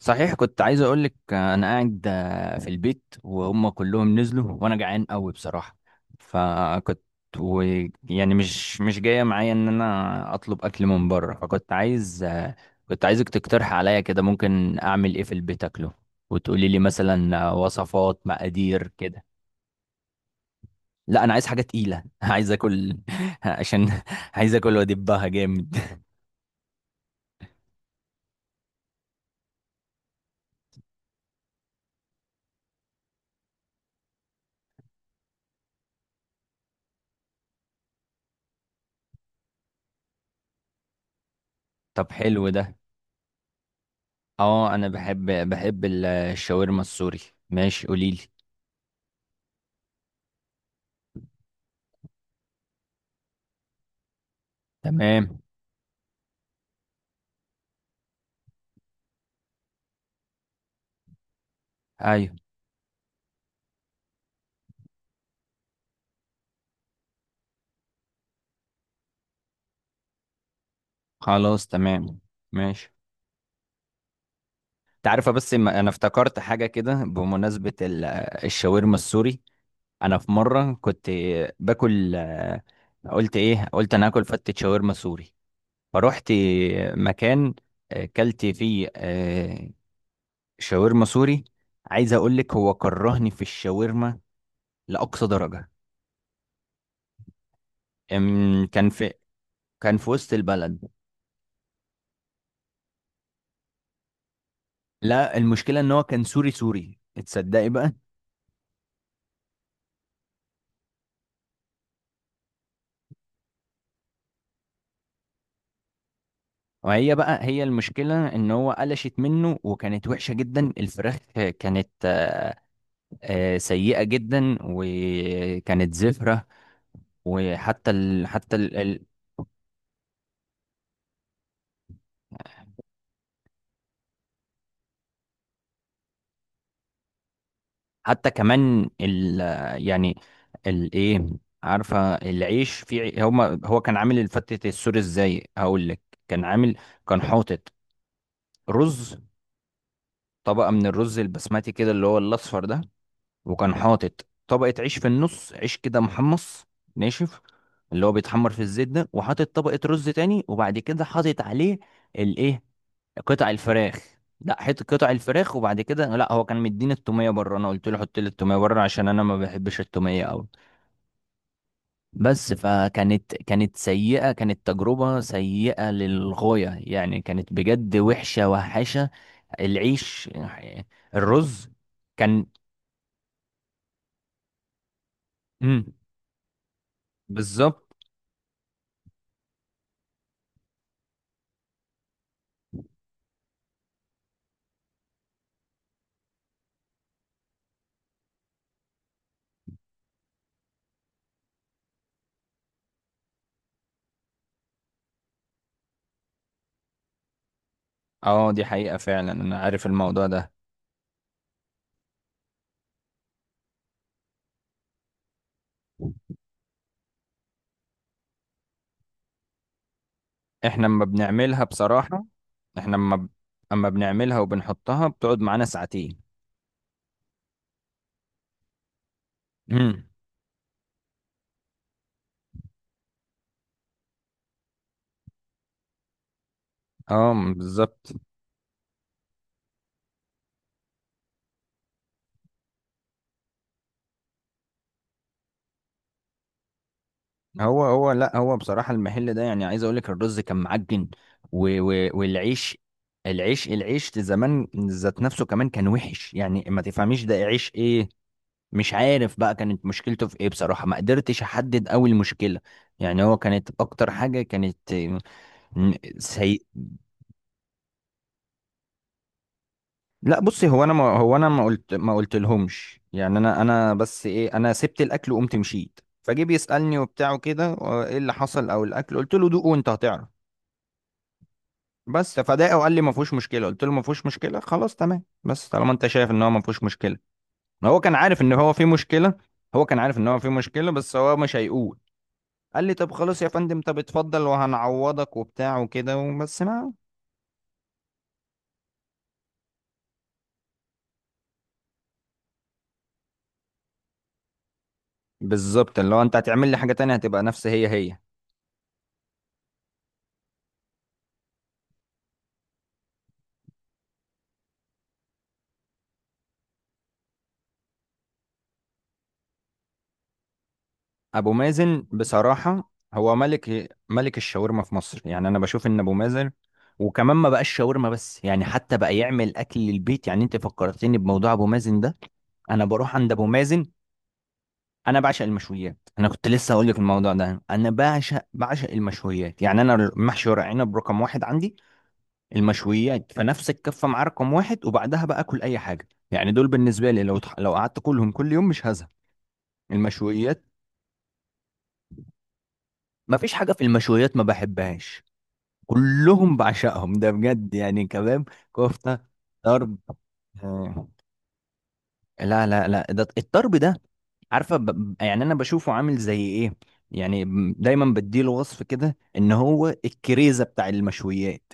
صحيح كنت عايز اقول لك انا قاعد في البيت وهم كلهم نزلوا وانا جعان قوي بصراحه. فكنت و يعني مش جايه معايا ان انا اطلب اكل من بره. فكنت عايز آه، كنت عايزك تقترح عليا كده ممكن اعمل ايه في البيت اكله، وتقولي لي مثلا وصفات مقادير كده. لا انا عايز حاجه تقيله عايز اكل عشان عايز اكل وادبها جامد. طب حلو ده. اه انا بحب الشاورما السوري. ماشي قوليلي. تمام. ايوه. خلاص تمام ماشي. انت عارفه، بس انا افتكرت حاجه كده بمناسبه الشاورما السوري. انا في مره كنت باكل قلت ايه، قلت انا هاكل فتة شاورما سوري. فروحت مكان كلت فيه شاورما سوري. عايز اقول لك هو كرهني في الشاورما لاقصى درجه. أم، كان في كان في وسط البلد. لا، المشكله ان هو كان سوري سوري. تصدقي بقى. وهي بقى هي المشكلة ان هو قلشت منه وكانت وحشة جدا. الفراخ كانت سيئة جدا وكانت زفرة. وحتى ال... حتى ال... ال- حتى كمان ال... يعني الايه، عارفة العيش في هما، هو كان عامل الفتة السوري ازاي؟ هقول لك. كان عامل كان حاطط رز، طبقة من الرز البسمتي كده اللي هو الاصفر ده. وكان حاطط طبقة عيش في النص، عيش كده محمص ناشف، اللي هو بيتحمر في الزيت ده. وحاطط طبقة رز تاني وبعد كده حاطط عليه الايه، قطع الفراخ. لا حط قطع الفراخ، وبعد كده لا، هو كان مديني التومية بره، انا قلت له حط لي التومية بره عشان انا ما بحبش التومية قوي. بس فكانت سيئة، كانت تجربة سيئة للغاية، يعني كانت بجد وحشة وحشة. العيش، الرز كان مم. بالظبط. اه دي حقيقة، فعلا انا عارف الموضوع ده. احنا لما بنعملها بصراحة، احنا لما ب... اما بنعملها وبنحطها بتقعد معانا ساعتين. امم. اه بالظبط. هو هو لا، هو بصراحة المحل ده يعني عايز اقول لك الرز كان معجن والعيش. العيش زمان ذات نفسه كمان كان وحش، يعني ما تفهميش ده عيش ايه. مش عارف بقى كانت مشكلته في ايه بصراحة، ما قدرتش احدد قوي المشكلة. يعني هو كانت اكتر حاجة كانت سيئة. لا بصي، هو انا ما هو انا ما قلت ما قلت لهمش. يعني انا بس ايه، انا سبت الاكل وقمت مشيت، فجه بيسالني وبتاع وكده ايه اللي حصل او الاكل؟ قلت له دوق وانت هتعرف. بس فداق وقال لي ما فيهوش مشكله. قلت له ما فيهوش مشكله، خلاص تمام، بس طالما انت شايف ان هو ما فيهوش مشكله. ما هو كان عارف ان هو في مشكله. هو كان عارف ان هو في مشكله بس هو مش هيقول. قال لي طب خلاص يا فندم، طب اتفضل وهنعوضك وبتاع وكده وبس ما. بالظبط، اللي هو انت هتعمل لي حاجه تانية هتبقى نفس هي هي. ابو مازن بصراحه هو ملك ملك الشاورما في مصر. يعني انا بشوف ان ابو مازن وكمان ما بقاش شاورما بس، يعني حتى بقى يعمل اكل للبيت. يعني انت فكرتني بموضوع ابو مازن ده. انا بروح عند ابو مازن. انا بعشق المشويات، انا كنت لسه هقول لك الموضوع ده. انا بعشق المشويات. يعني انا محشي ورق عنب رقم واحد عندي، المشويات فنفس الكفه مع رقم واحد. وبعدها بقى اكل اي حاجه. يعني دول بالنسبه لي لو لو قعدت كلهم كل يوم مش هزهق. المشويات ما فيش حاجه في المشويات ما بحبهاش. كلهم بعشقهم ده بجد. يعني كباب، كفتة، طرب، آه، لا لا لا، ده الطرب ده، يعني أنا بشوفه عامل زي إيه. يعني دايما بديله وصف كده إن هو الكريزة بتاع المشويات.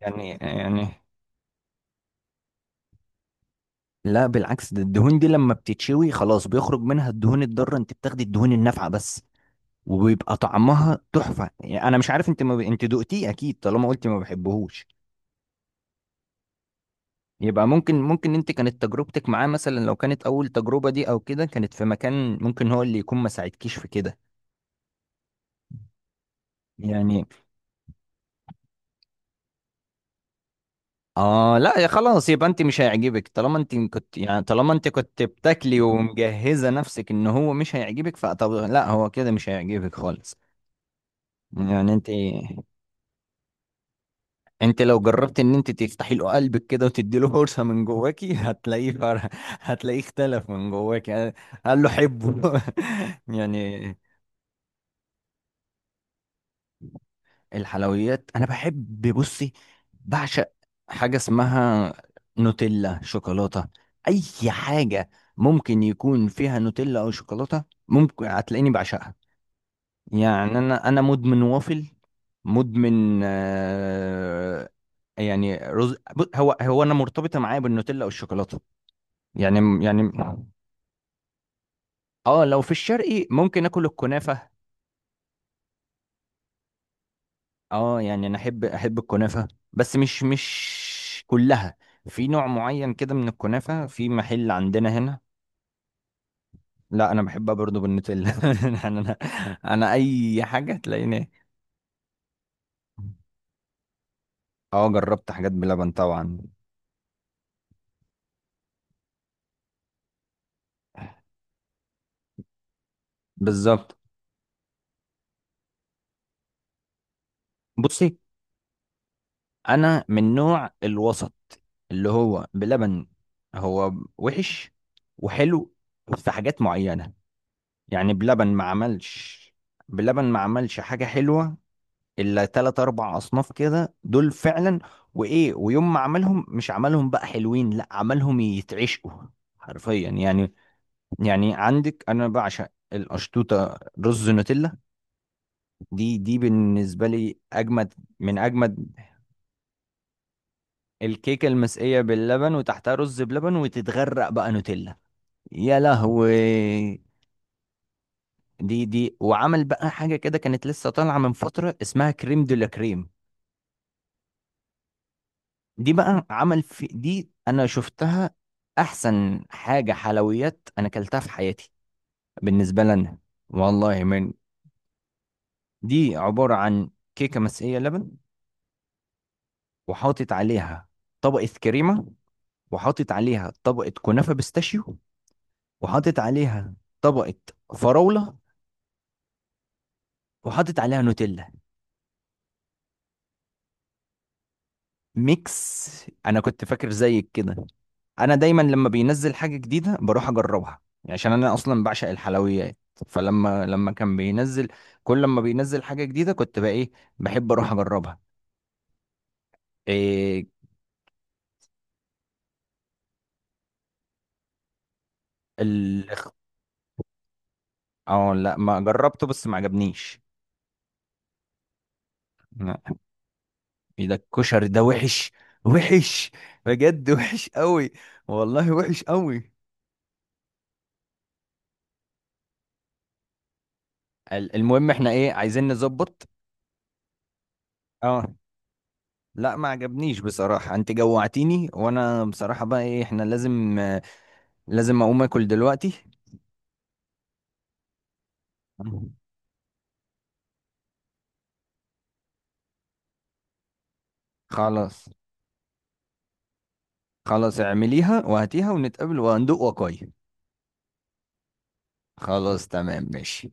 يعني يعني لا بالعكس، ده الدهون دي لما بتتشوي خلاص بيخرج منها الدهون الضارة، أنت بتاخدي الدهون النافعة بس. وبيبقى طعمها تحفة. يعني أنا مش عارف، أنت ما ب... أنت دقتيه أكيد طالما قلتي ما بحبهوش. يبقى ممكن انت كانت تجربتك معاه مثلا، لو كانت اول تجربة دي او كده كانت في مكان ممكن هو اللي يكون ما ساعدكيش في كده، يعني. اه لا يا خلاص، يبقى انت مش هيعجبك، طالما انت كنت يعني طالما انت كنت بتاكلي ومجهزة نفسك ان هو مش هيعجبك، فطب لا هو كده مش هيعجبك خالص. يعني انت لو جربت ان انت تفتحي له قلبك كده وتدي له فرصة من جواكي، هتلاقيه اختلف من جواكي. قال له حبه يعني. الحلويات انا بحب. بصي، بعشق حاجه اسمها نوتيلا، شوكولاته، اي حاجه ممكن يكون فيها نوتيلا او شوكولاته ممكن هتلاقيني بعشقها. يعني انا مدمن وافل، مدمن آه. يعني رز هو هو انا مرتبطه معايا بالنوتيلا او الشوكولاته. يعني يعني اه لو في الشرقي ممكن اكل الكنافه. اه يعني انا احب الكنافه، بس مش كلها. في نوع معين كده من الكنافه في محل عندنا هنا. لا انا بحبها برضو بالنوتيلا يعني انا، اي حاجه تلاقيني. اه جربت حاجات بلبن طبعا. بالظبط. بصي، انا من نوع الوسط، اللي هو بلبن، هو وحش وحلو. في حاجات معينه، يعني بلبن ما عملش، بلبن ما عملش حاجه حلوه الا تلات اربع اصناف كده، دول فعلا. وايه، ويوم ما عملهم مش عملهم بقى حلوين، لا عملهم يتعشقوا، حرفيا. يعني يعني عندك انا بعشق القشطوطه، رز نوتيلا، دي دي بالنسبه لي اجمد من اجمد. الكيكه المسقيه باللبن وتحتها رز بلبن وتتغرق بقى نوتيلا. يا لهوي. دي دي وعمل بقى حاجه كده كانت لسه طالعه من فتره اسمها كريم دولا كريم. دي بقى عمل في دي، انا شفتها احسن حاجه حلويات انا اكلتها في حياتي بالنسبه لنا. والله من، دي عباره عن كيكه مسقيه لبن، وحاطط عليها طبقه كريمه، وحاطط عليها طبقه كنافه بيستاشيو، وحاطط عليها طبقه فراوله، وحاطط عليها نوتيلا. ميكس. انا كنت فاكر زيك كده، انا دايما لما بينزل حاجه جديده بروح اجربها، يعني عشان انا اصلا بعشق الحلويات. فلما لما كان بينزل كل ما بينزل حاجه جديده كنت بقى ايه، بحب اروح اجربها. إيه. ال. اه لا ما جربته بس ما عجبنيش. لا، ايه ده الكشري ده وحش، وحش، بجد وحش قوي. والله وحش قوي. المهم، احنا ايه عايزين نظبط. اه لا ما عجبنيش بصراحة. انت جوعتيني، وانا بصراحة بقى ايه احنا لازم لازم اقوم اكل دلوقتي. خلاص. خلاص اعمليها وهاتيها ونتقابل وهندوق وقاي. خلاص تمام ماشي.